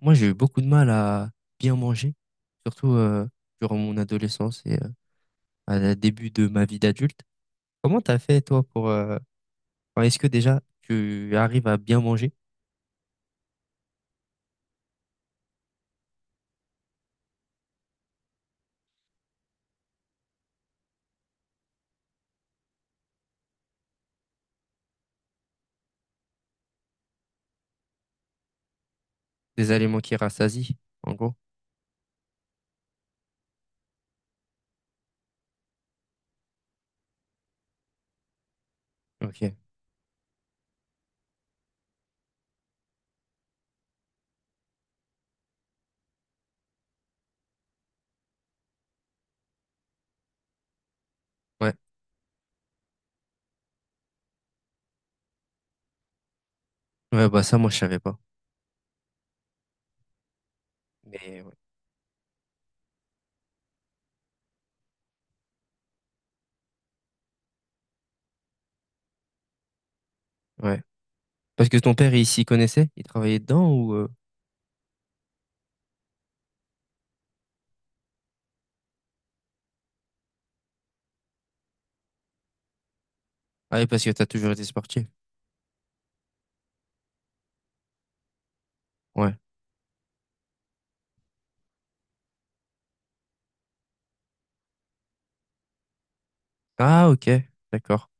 Moi, j'ai eu beaucoup de mal à bien manger, surtout durant mon adolescence et à la début de ma vie d'adulte. Comment t'as fait, toi, pour est-ce que déjà, tu arrives à bien manger des aliments qui rassasient, en gros? Ok. Ouais. Ouais, bah ça, moi, je savais pas. Mais ouais. Ouais. Parce que ton père, il s'y connaissait? Il travaillait dedans? Ah, oui, parce que t'as toujours été sportif. Ouais. Ah, ok. D'accord.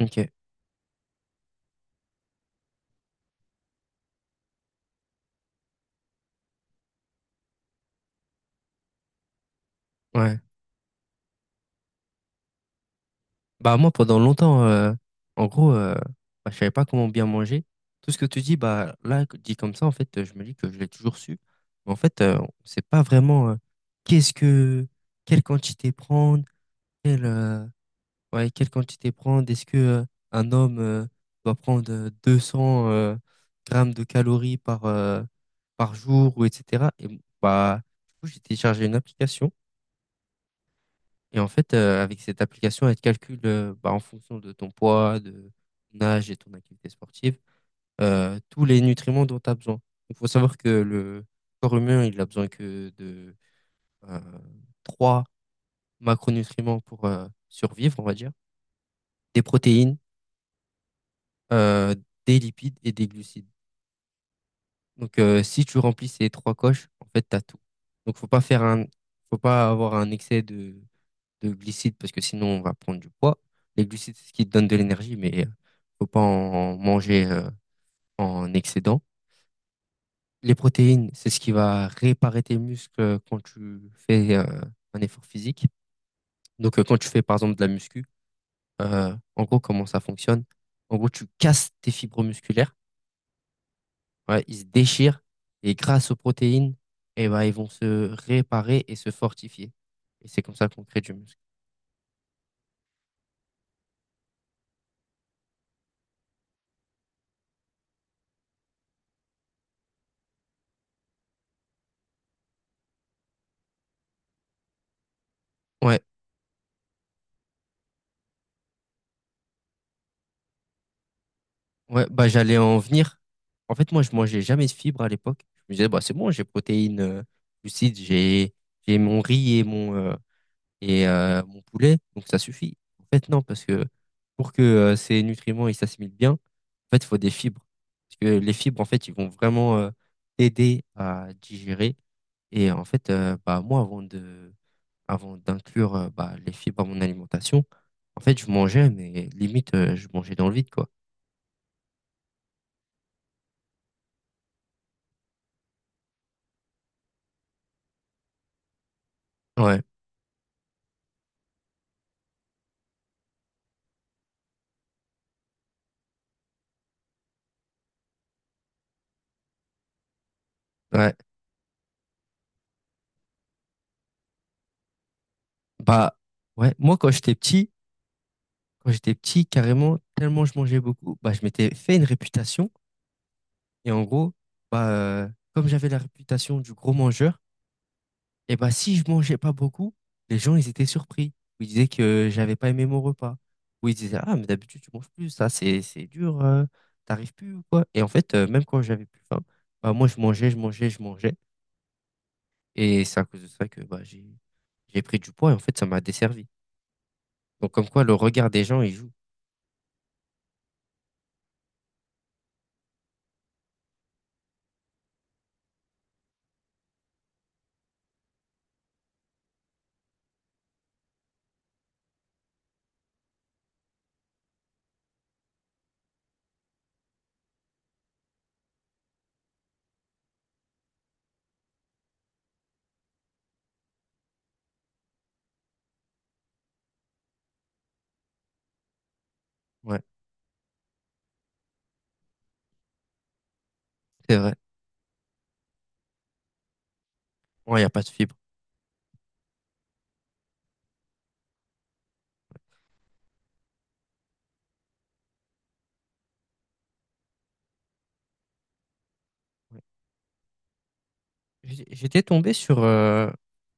Ok. Ouais. Bah moi pendant longtemps, en gros, bah, je savais pas comment bien manger. Tout ce que tu dis dit comme ça en fait, je me dis que je l'ai toujours su. Mais en fait, on sait pas vraiment qu'est-ce que quelle quantité prendre, quelle ouais, quelle quantité prendre, est-ce que un homme doit prendre 200 grammes de calories par par jour ou etc. Et bah du coup j'ai téléchargé une application et en fait, avec cette application, elle te calcule bah, en fonction de ton poids, de ton âge et ton activité sportive, tous les nutriments dont tu as besoin. Il faut savoir que le corps humain, il a besoin que de euh, 3 macronutriments pour survivre, on va dire, des protéines, euh, des lipides et des glucides. Donc, si tu remplis ces trois coches, en fait, tu as tout. Donc, faut pas avoir un excès de glucides parce que sinon on va prendre du poids. Les glucides, c'est ce qui te donne de l'énergie, mais faut pas en manger en excédent. Les protéines, c'est ce qui va réparer tes muscles quand tu fais un effort physique. Donc quand tu fais par exemple de la muscu, en gros comment ça fonctionne? En gros, tu casses tes fibres musculaires, ouais, ils se déchirent et grâce aux protéines, eh ben, ils vont se réparer et se fortifier. Et c'est comme ça qu'on crée du muscle. Ouais. Ouais, bah j'allais en venir. En fait, moi, je mangeais jamais de fibres à l'époque. Je me disais, bah c'est bon, j'ai protéines, glucides, j'ai mon riz et mon, et mon poulet, donc ça suffit. En fait, non, parce que pour que ces nutriments ils s'assimilent bien, en fait, il faut des fibres. Parce que les fibres, en fait, ils vont vraiment t'aider à digérer. Et en fait, bah moi, avant d'inclure bah, les fibres à mon alimentation, en fait, je mangeais, mais limite, je mangeais dans le vide, quoi. Ouais, ouais. Bah, ouais, moi, quand j'étais petit, carrément, tellement je mangeais beaucoup, bah, je m'étais fait une réputation. Et en gros, bah, comme j'avais la réputation du gros mangeur, et bah, si je mangeais pas beaucoup, les gens, ils étaient surpris. Ils disaient que j'avais pas aimé mon repas. Ou ils disaient, ah, mais d'habitude, tu manges plus, c'est dur, t'arrives plus ou quoi. Et en fait, même quand j'avais plus faim, bah, moi, je mangeais, je mangeais, je mangeais. Et c'est à cause de ça que, j'ai pris du poids et en fait, ça m'a desservi. Donc, comme quoi, le regard des gens, il joue. Ouais, c'est vrai. Ouais, il n'y a pas de fibre. Ouais. J'étais tombé sur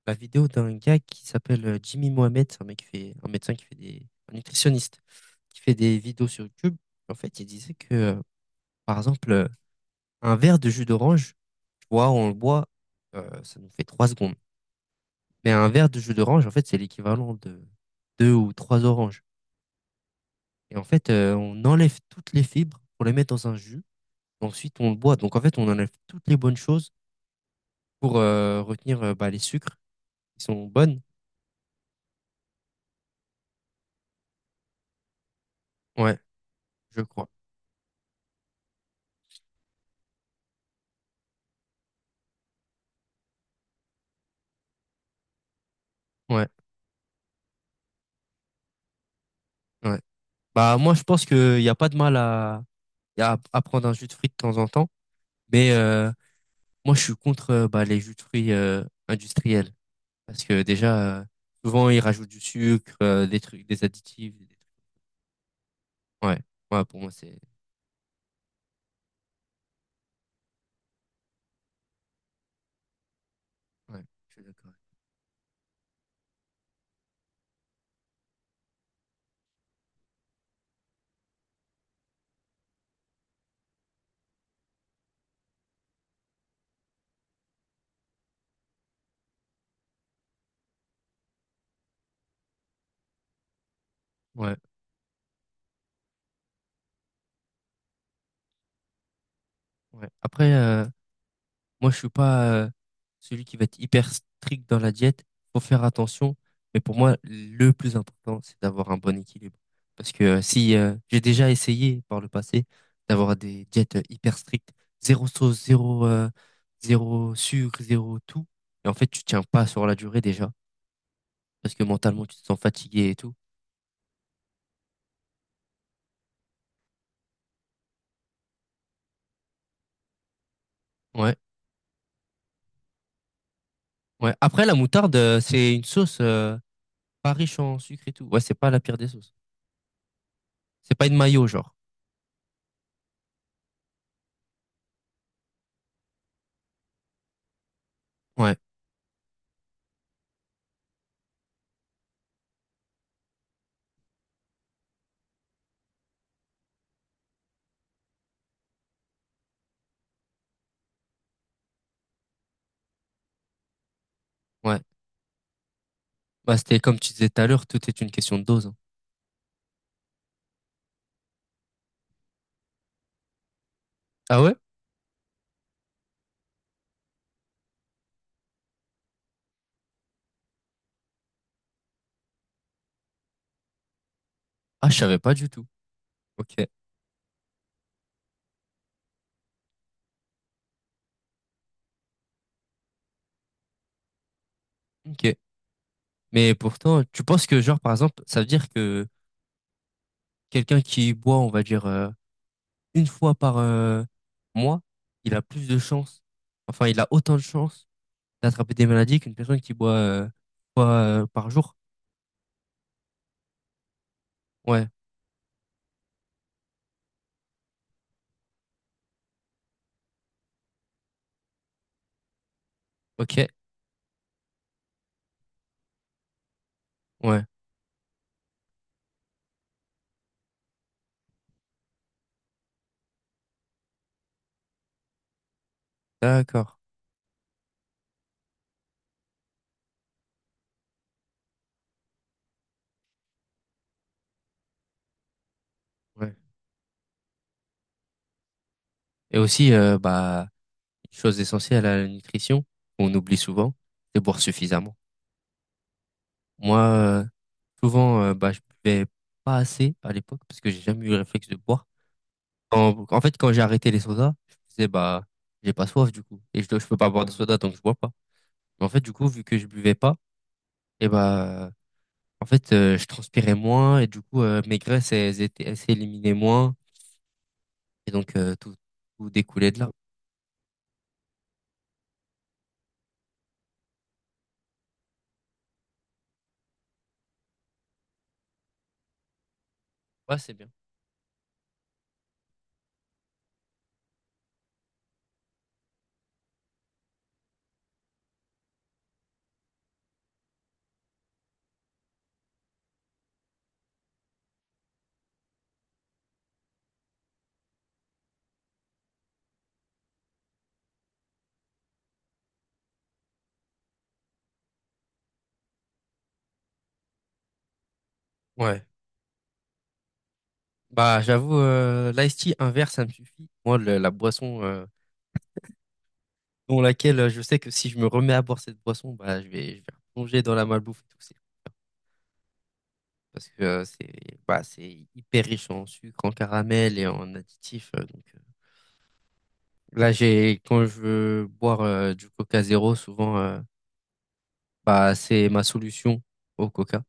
la vidéo d'un gars qui s'appelle Jimmy Mohamed, c'est un mec qui fait, un médecin qui fait des, un nutritionniste, qui fait des vidéos sur YouTube. En fait, il disait que, par exemple, un verre de jus d'orange, tu vois, on le boit, ça nous fait 3 secondes. Mais un verre de jus d'orange, en fait, c'est l'équivalent de 2 ou 3 oranges. Et en fait, on enlève toutes les fibres pour les mettre dans un jus. Ensuite, on le boit. Donc, en fait, on enlève toutes les bonnes choses pour retenir bah, les sucres qui sont bonnes. Ouais, je crois. Ouais, ouais. Bah moi je pense que y a pas de mal à prendre un jus de fruits de temps en temps, mais moi je suis contre bah, les jus de fruits industriels parce que déjà, souvent ils rajoutent du sucre, des trucs, des additifs, des trucs. Ouais, ouais pour moi c'est ouais, je suis d'accord. Ouais, ouais. Après moi, je suis pas celui qui va être hyper strict dans la diète. Faut faire attention. Mais pour moi, le plus important, c'est d'avoir un bon équilibre. Parce que si j'ai déjà essayé par le passé d'avoir des diètes hyper strictes, zéro sauce, zéro sucre, zéro tout. Et en fait, tu tiens pas sur la durée déjà. Parce que mentalement, tu te sens fatigué et tout. Ouais, ouais. Après, la moutarde, c'est une sauce pas riche en sucre et tout. Ouais, c'est pas la pire des sauces. C'est pas une mayo, genre. Ouais. Ouais. Bah, c'était comme tu disais tout à l'heure, tout est une question de dose, hein. Ah ouais? Ah, je savais pas du tout. Ok, ok. Mais pourtant, tu penses que, genre, par exemple, ça veut dire que quelqu'un qui boit, on va dire, une fois par mois, il a plus de chances, enfin, il a autant de chances d'attraper des maladies qu'une personne qui boit une fois par jour. Ouais, ok, ouais, d'accord. Ouais. Et aussi, bah, une chose essentielle à la nutrition, qu'on oublie souvent, c'est boire suffisamment. Moi, souvent, bah, je buvais pas assez à l'époque parce que j'ai jamais eu le réflexe de boire. En fait, quand j'ai arrêté les sodas, je me disais, bah, j'ai pas soif du coup. Et je peux pas boire de soda donc je bois pas. Mais en fait, du coup, vu que je buvais pas, et bah, en fait, je transpirais moins et du coup, mes graisses, elles s'éliminaient moins. Et donc, tout découlait de là. Ouais, c'est bien. Ouais. Bah, j'avoue, l'ice tea, un verre, ça me suffit. Moi, la boisson, dans laquelle je sais que si je me remets à boire cette boisson, bah, je vais plonger dans la malbouffe et tout. Parce que c'est hyper riche en sucre, en caramel et en additifs, donc, là, quand je veux boire du Coca zéro, souvent, bah, c'est ma solution au Coca.